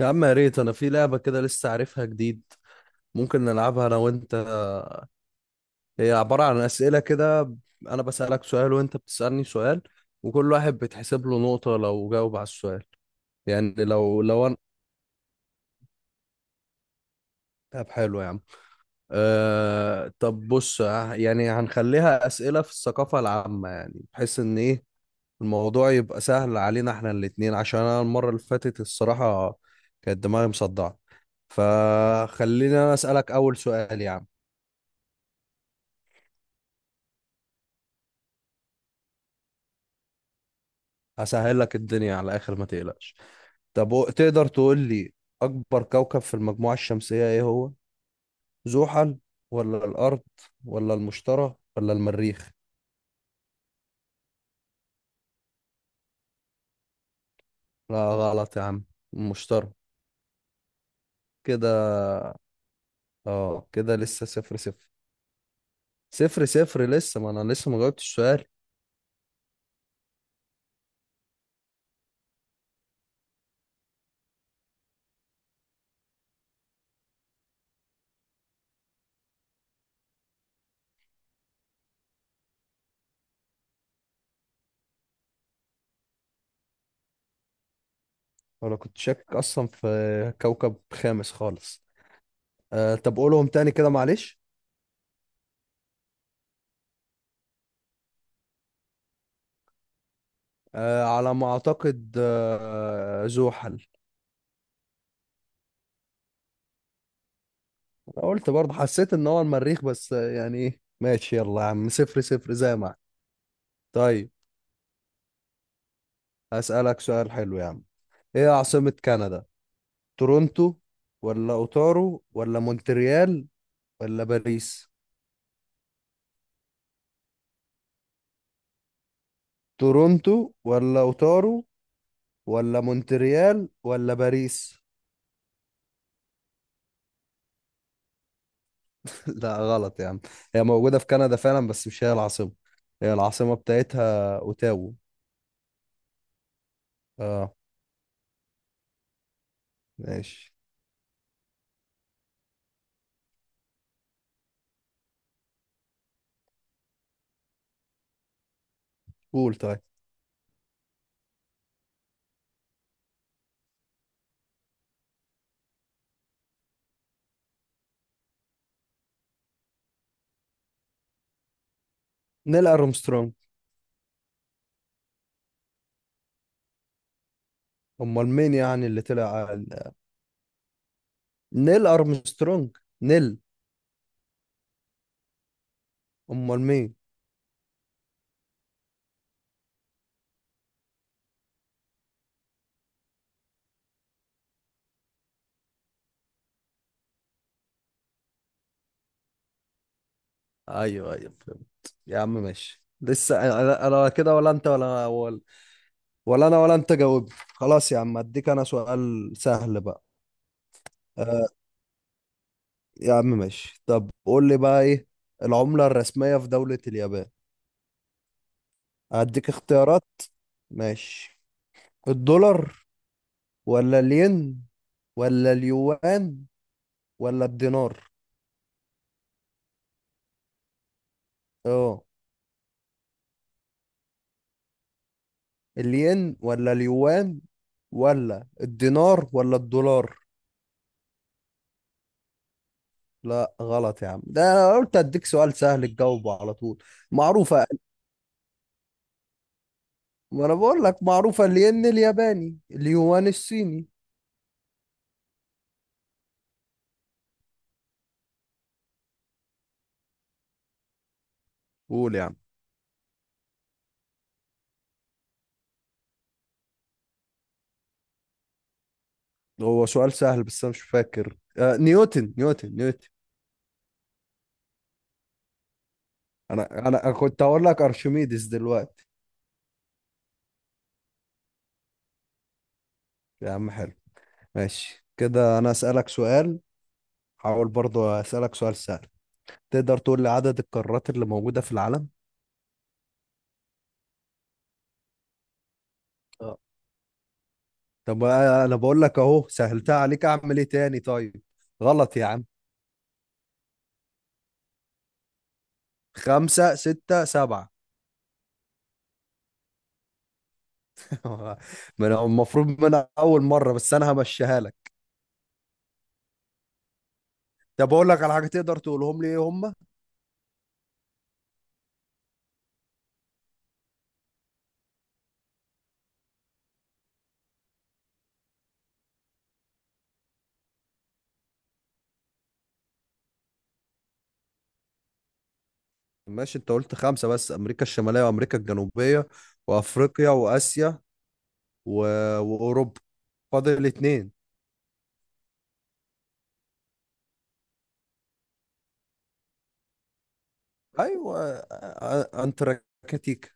يا عم، يا ريت انا في لعبة كده لسه عارفها جديد. ممكن نلعبها انا وانت. هي عبارة عن اسئلة كده. انا بسألك سؤال وانت بتسألني سؤال، وكل واحد بتحسب له نقطة لو جاوب على السؤال. يعني لو انا. طب حلو يا عم. طب بص، يعني هنخليها اسئلة في الثقافة العامة، يعني بحيث ان ايه الموضوع يبقى سهل علينا احنا الاتنين، عشان انا المرة اللي فاتت، الصراحة كانت دماغي مصدعة. فخليني انا اسألك اول سؤال يا عم. هسهل لك الدنيا على الاخر، ما تقلقش. طب تقدر تقول لي اكبر كوكب في المجموعة الشمسية ايه هو؟ زحل ولا الارض ولا المشتري ولا المريخ؟ لا غلط يا عم، المشتري كده. اه، كده لسه صفر صفر. صفر صفر لسه، ما انا لسه ما جاوبتش السؤال. ولا كنت شاكك اصلا في كوكب خامس خالص. طب قولهم تاني كده معلش. على ما اعتقد زحل. أنا قلت برضه، حسيت ان هو المريخ، بس يعني ايه، ماشي يلا يا عم، صفر صفر زي ما احنا. طيب، هسألك سؤال حلو يا عم. ايه عاصمة كندا؟ تورونتو ولا اوتارو ولا مونتريال ولا باريس؟ تورونتو ولا اوتارو ولا مونتريال ولا باريس؟ لا غلط يا عم. هي موجودة في كندا فعلا، بس مش هي العاصمة. هي العاصمة بتاعتها اوتاوا. اه ماشي. قول طيب. نيل ارمسترونج. امال مين يعني اللي طلع؟ نيل ارمسترونج نيل. امال مين؟ ايوه ايوه، فهمت يا عم، ماشي. لسه أنا كده. ولا انت ولا انا ولا انت جاوبت. خلاص يا عم، اديك انا سؤال سهل بقى. آه يا عم ماشي، طب قول لي بقى ايه العملة الرسمية في دولة اليابان؟ هديك اختيارات. ماشي، الدولار ولا الين ولا اليوان ولا الدينار؟ اه، الين ولا اليوان ولا الدينار ولا الدولار؟ لا غلط يا عم، ده انا قلت اديك سؤال سهل تجاوبه على طول. معروفة، ما انا بقول لك معروفة، الين الياباني، اليوان الصيني. قول يا عم. هو سؤال سهل بس انا مش فاكر. نيوتن نيوتن نيوتن. انا كنت هقول لك ارشميدس دلوقتي. يا عم حلو، ماشي كده. انا اسالك سؤال. هحاول برضه اسالك سؤال سهل. تقدر تقول لي عدد القارات اللي موجودة في العالم؟ اه طب، انا بقول لك اهو، سهلتها عليك اعمل ايه تاني؟ طيب، غلط يا عم. خمسة ستة سبعة؟ آه، ما انا المفروض، من أنا اول مره، بس انا همشيها لك. طب اقول لك على حاجه، تقدر تقولهم لي ايه هم؟ ماشي، انت قلت خمسه، بس امريكا الشماليه وامريكا الجنوبيه، وافريقيا واسيا و... واوروبا. فاضل اتنين. ايوه، انتاركتيكا.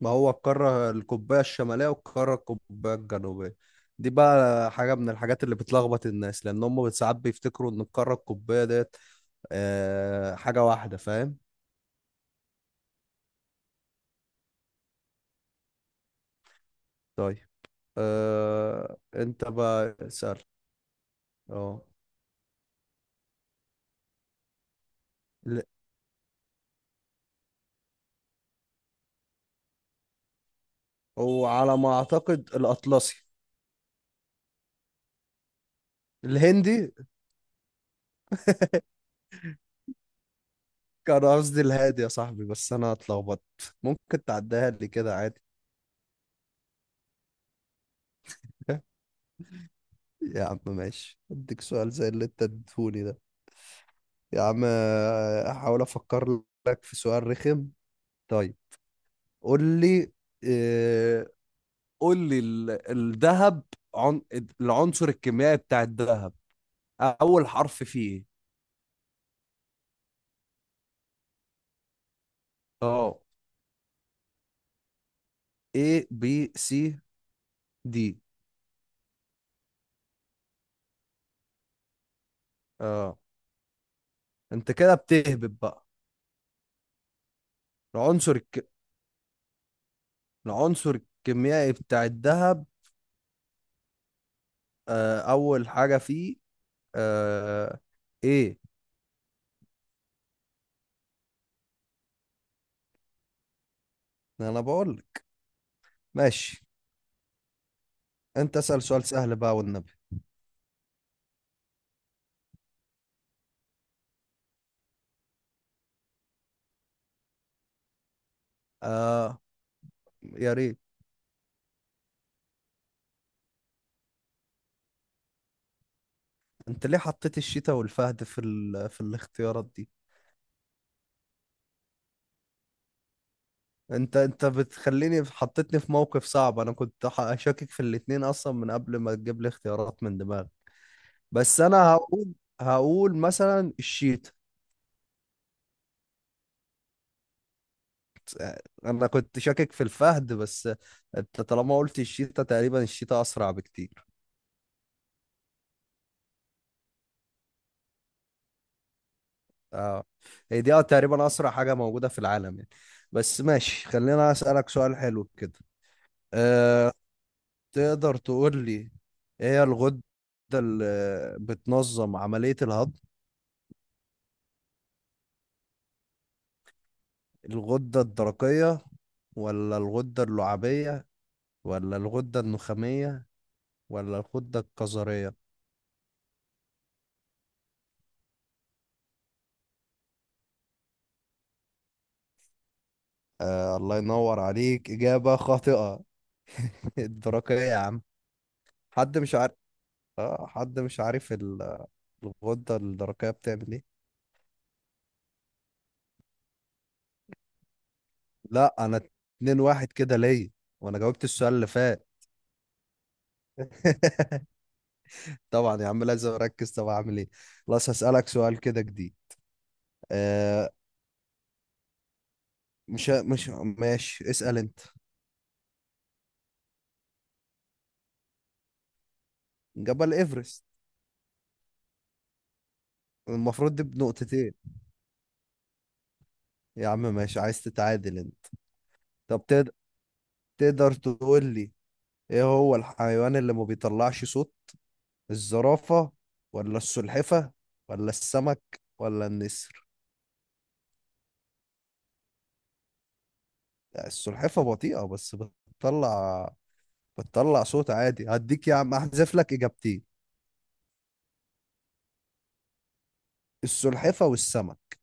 ما هو القاره القطبيه الشماليه والقاره القطبيه الجنوبيه. دي بقى حاجه من الحاجات اللي بتلخبط الناس، لان هم ساعات بيفتكروا ان القاره القطبيه ديت حاجه واحده، فاهم؟ طيب، انت بقى اسأل. اه ل- وعلى ما اعتقد الاطلسي. الهندي. كان قصدي الهادي يا صاحبي، بس انا اتلخبطت. ممكن تعديها لي كده عادي؟ يا عم ماشي، اديك سؤال زي اللي انت اديتهولي ده. يا عم، احاول افكر لك في سؤال رخم. طيب قول لي. آه، قول لي الذهب. عن... العنصر الكيميائي بتاع الذهب، اول حرف فيه ايه؟ اه، A B C دي. اه انت كده بتهبط بقى. العنصر الك... العنصر الكيميائي بتاع الذهب، اول حاجة فيه، آه ايه؟ انا بقول لك ماشي. انت اسأل سؤال سهل بقى والنبي. آه يا ريت. انت ليه حطيت الشتاء والفهد في الاختيارات دي؟ انت بتخليني، حطيتني في موقف صعب. انا كنت شاكك في الاتنين اصلا من قبل ما تجيب لي اختيارات من دماغك. بس انا هقول مثلا الشتاء. انا كنت شاكك في الفهد بس. انت طالما قلت الشيتا، تقريبا الشيتا اسرع بكتير. اه، هي دي تقريبا اسرع حاجه موجوده في العالم يعني. بس ماشي، خلينا اسالك سؤال حلو كده. أه تقدر تقول لي ايه هي الغده اللي بتنظم عمليه الهضم؟ الغده الدرقيه ولا الغده اللعابيه ولا الغده النخاميه ولا الغده الكظريه؟ آه الله ينور عليك، إجابة خاطئة. الدرقية يا عم. حد مش عارف. اه حد مش عارف الغدة الدرقية بتعمل ايه. لا، انا اتنين واحد كده ليا، وانا جاوبت السؤال اللي فات. طبعا يا عم، لازم اركز طب اعمل ايه. خلاص هسألك سؤال كده جديد. آه مش ماشي، اسأل انت. جبل ايفرست. المفروض دي بنقطتين. يا عم ماشي، عايز تتعادل انت؟ طب تقدر تقول لي ايه هو الحيوان اللي ما بيطلعش صوت؟ الزرافة ولا السلحفة ولا السمك ولا النسر؟ السلحفة بطيئة بس بتطلع بتطلع صوت عادي. هديك يا عم احذف لك اجابتين. السلحفة والسمك.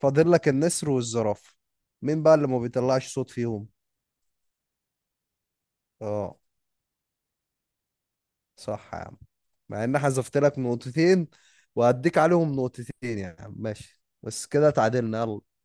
فاضل لك النسر والزرافة. مين بقى اللي ما بيطلعش صوت فيهم؟ اه، صح يا عم. مع ان حذفت لك نقطتين، وهديك عليهم نقطتين يا عم، ماشي. بس كده تعادلنا، يلا